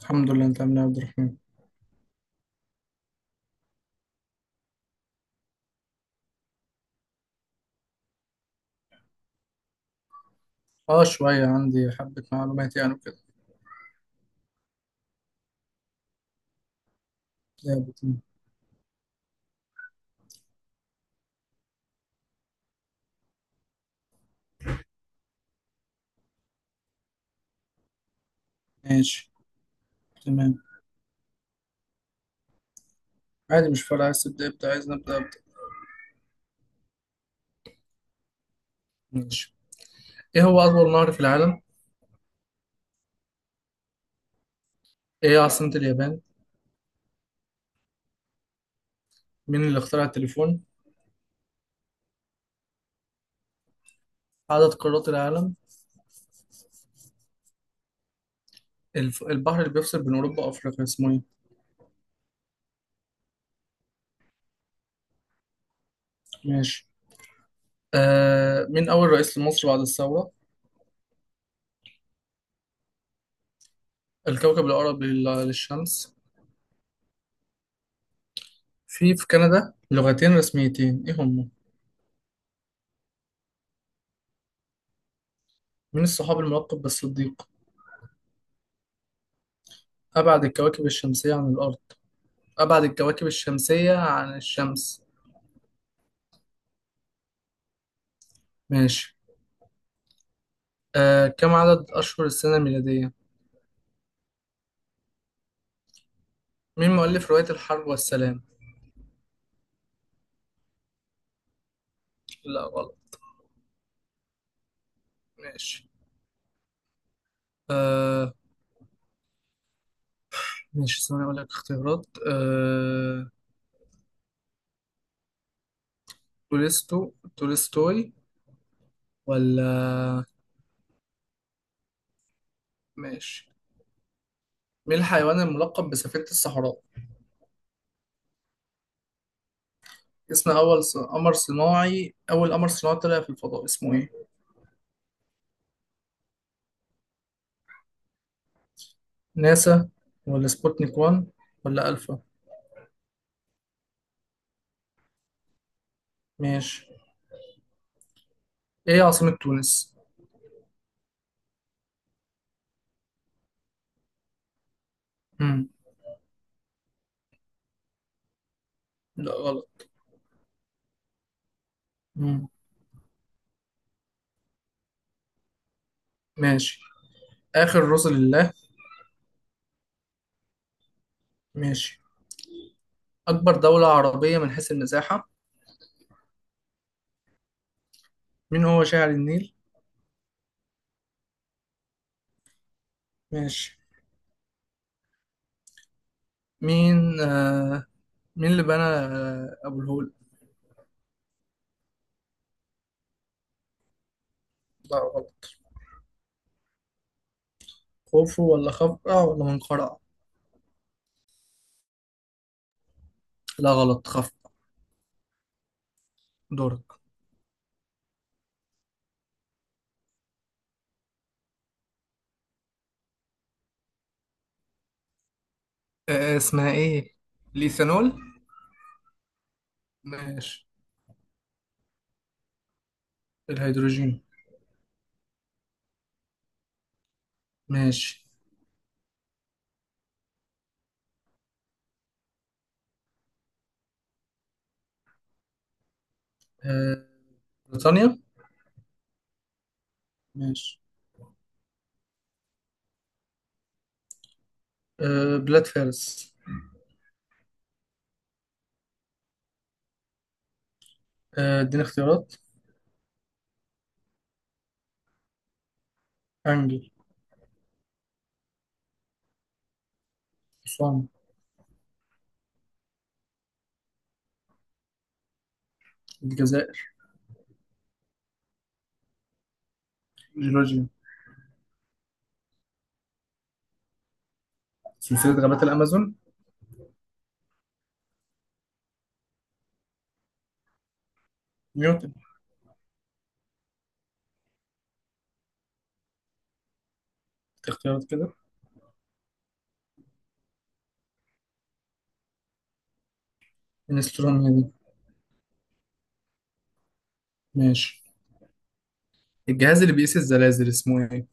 الحمد لله. انت عامل ايه يا عبد الرحمن؟ اه، شوية، عندي حبة معلومات يعني وكده. زي ماشي. تمام. عادي، مش فارقة، عايز تبدأ ابدأ، عايز نبدأ ابدأ. ماشي. ايه هو أطول نهر في العالم؟ ايه هي عاصمة اليابان؟ مين اللي اخترع التليفون؟ عدد قارات العالم؟ البحر اللي بيفصل بين أوروبا وأفريقيا اسمه ايه؟ ماشي. مين أول رئيس لمصر بعد الثورة؟ الكوكب الأقرب للشمس؟ في كندا لغتين رسميتين، ايه هما؟ مين الصحاب الملقب بالصديق؟ أبعد الكواكب الشمسية عن الأرض؟ أبعد الكواكب الشمسية عن الشمس؟ ماشي. كم عدد أشهر السنة الميلادية؟ مين مؤلف رواية الحرب والسلام؟ لا، غلط. ماشي. آه. ماشي، ثواني أقول لك اختيارات. تولستوي ولا؟ ماشي. مين الحيوان الملقب بسفينة الصحراء؟ اسم أول قمر صناعي، أول قمر صناعي طلع في الفضاء اسمه إيه؟ ناسا، ولا سبوتنيك 1، ولا ألفا؟ ماشي. إيه عاصمة تونس؟ مم. لا، غلط. مم. ماشي. آخر رسل الله؟ ماشي. أكبر دولة عربية من حيث المساحة؟ مين هو شاعر النيل؟ ماشي. مين آه مين اللي بنى أبو الهول؟ لا، غلط. خوفو ولا خفرع ولا منقرع؟ لا، غلط، خفرع. دورك. اسمها إيه؟ الإيثانول. ماشي. الهيدروجين. ماشي. آه، بريطانيا. ماشي. آه، بلاد فارس. آه، اديني اختيارات. أنجل. حصان. الجزائر. جورجيا. سلسلة غابات الأمازون. نيوتن. اختيارات كده. انستروم دي. ماشي. الجهاز اللي بيقيس الزلازل اسمه ايه؟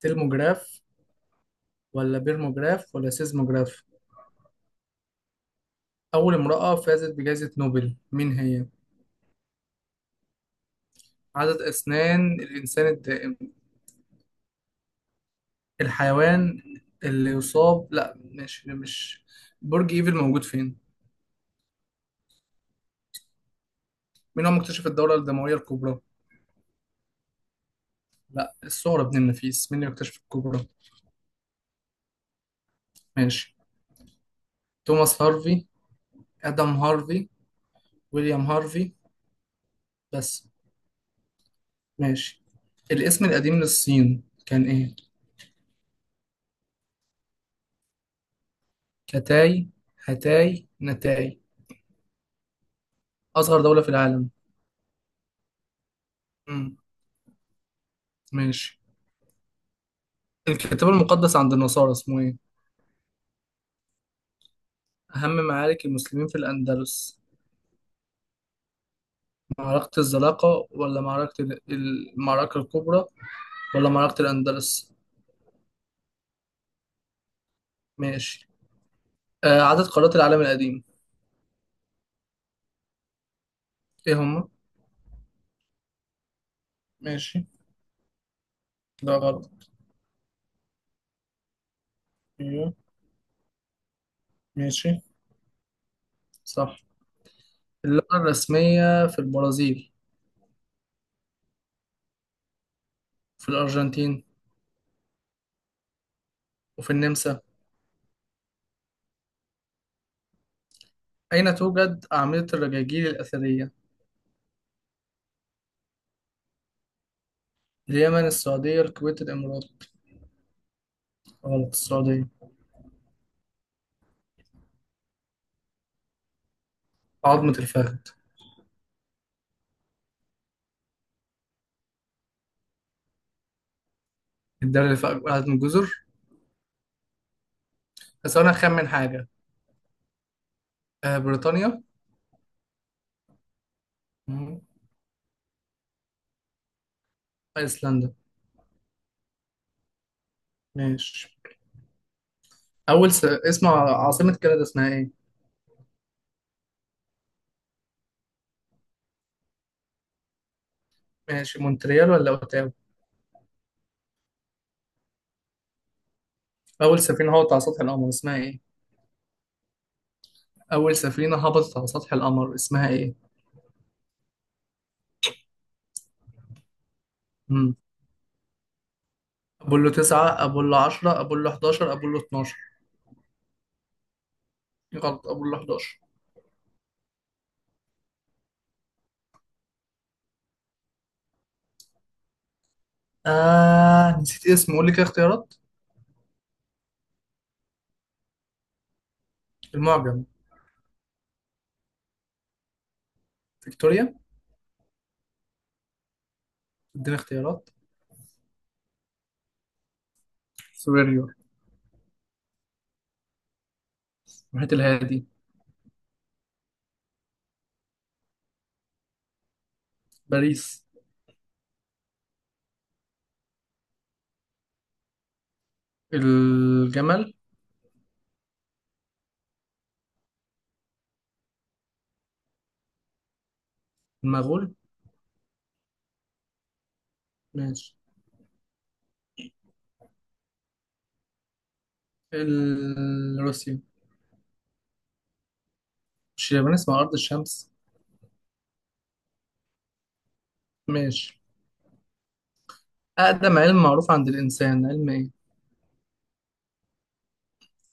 ترموجراف ولا بيرموجراف ولا سيزموجراف؟ اول امرأة فازت بجائزة نوبل مين هي؟ عدد اسنان الانسان الدائم؟ الحيوان اللي يصاب، لا ماشي مش. برج ايفل موجود فين؟ مين هو مكتشف الدورة الدموية الكبرى؟ لا، الثغرة بن النفيس، مين اللي اكتشف الكبرى؟ ماشي. توماس هارفي، ادم هارفي، ويليام هارفي، بس. ماشي. الاسم القديم للصين كان إيه؟ كتاي، هتاي، نتاي؟ أصغر دولة في العالم؟ مم. ماشي. الكتاب المقدس عند النصارى اسمه إيه؟ أهم معارك المسلمين في الأندلس؟ معركة الزلاقة، ولا المعركة الكبرى، ولا معركة الأندلس؟ ماشي. عدد قارات العالم القديم؟ إيه هما؟ ماشي. ده غلط. أيوه. ماشي. صح. اللغة الرسمية في البرازيل؟ في الأرجنتين؟ وفي النمسا؟ أين توجد أعمدة الرجاجيل الأثرية؟ اليمن، السعودية، الكويت، الإمارات؟ غلط، السعودية. عظمة الفخذ. الدولة اللي فيها أعظم جزر. بس أنا أخمن حاجة. آه، بريطانيا. مم. أيسلندا. ماشي. اسم عاصمة كندا اسمها إيه؟ ماشي، مونتريال ولا أوتاوا؟ أول سفينة هبطت على سطح القمر اسمها إيه؟ أول سفينة هبطت على سطح القمر اسمها إيه؟ مم. أبولو 9، أبولو 10، أبولو 11، أبولو 12؟ غلط، أبولو 11. آه، نسيت اسمه، قول لي كده اختيارات. المعجم. فيكتوريا. ادينا اختيارات. سوبريور. المحيط الهادي. باريس. الجمل. المغول. ماشي. روسيا. مش اليابان اسمها أرض الشمس؟ ماشي. أقدم علم معروف عند الإنسان علم إيه؟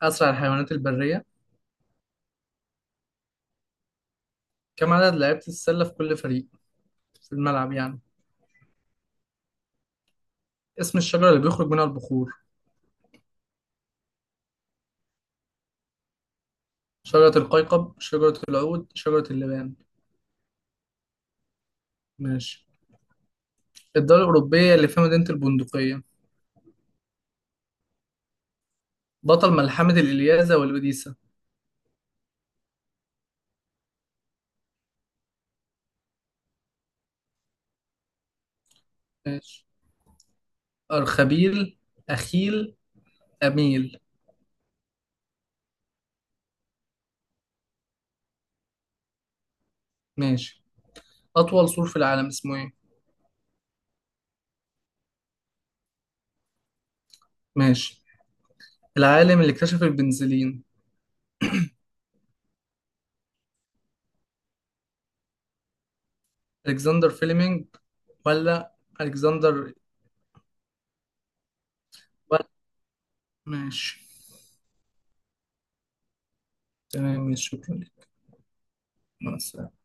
أسرع الحيوانات البرية؟ كم عدد لعيبة السلة في كل فريق؟ في الملعب يعني. اسم الشجرة اللي بيخرج منها البخور؟ شجرة القيقب، شجرة العود، شجرة اللبان؟ ماشي. الدولة الأوروبية اللي فيها مدينة البندقية؟ بطل ملحمة الإلياذة والأوديسة؟ ماشي. أرخبيل، أخيل، أميل؟ ماشي. أطول سور في العالم اسمه إيه؟ ماشي. العالم اللي اكتشف البنزلين؟ ألكسندر فيلمينج، ولا ألكسندر، ولا؟ ماشي. تمام، ماشي، شكرا لك. مع السلامة.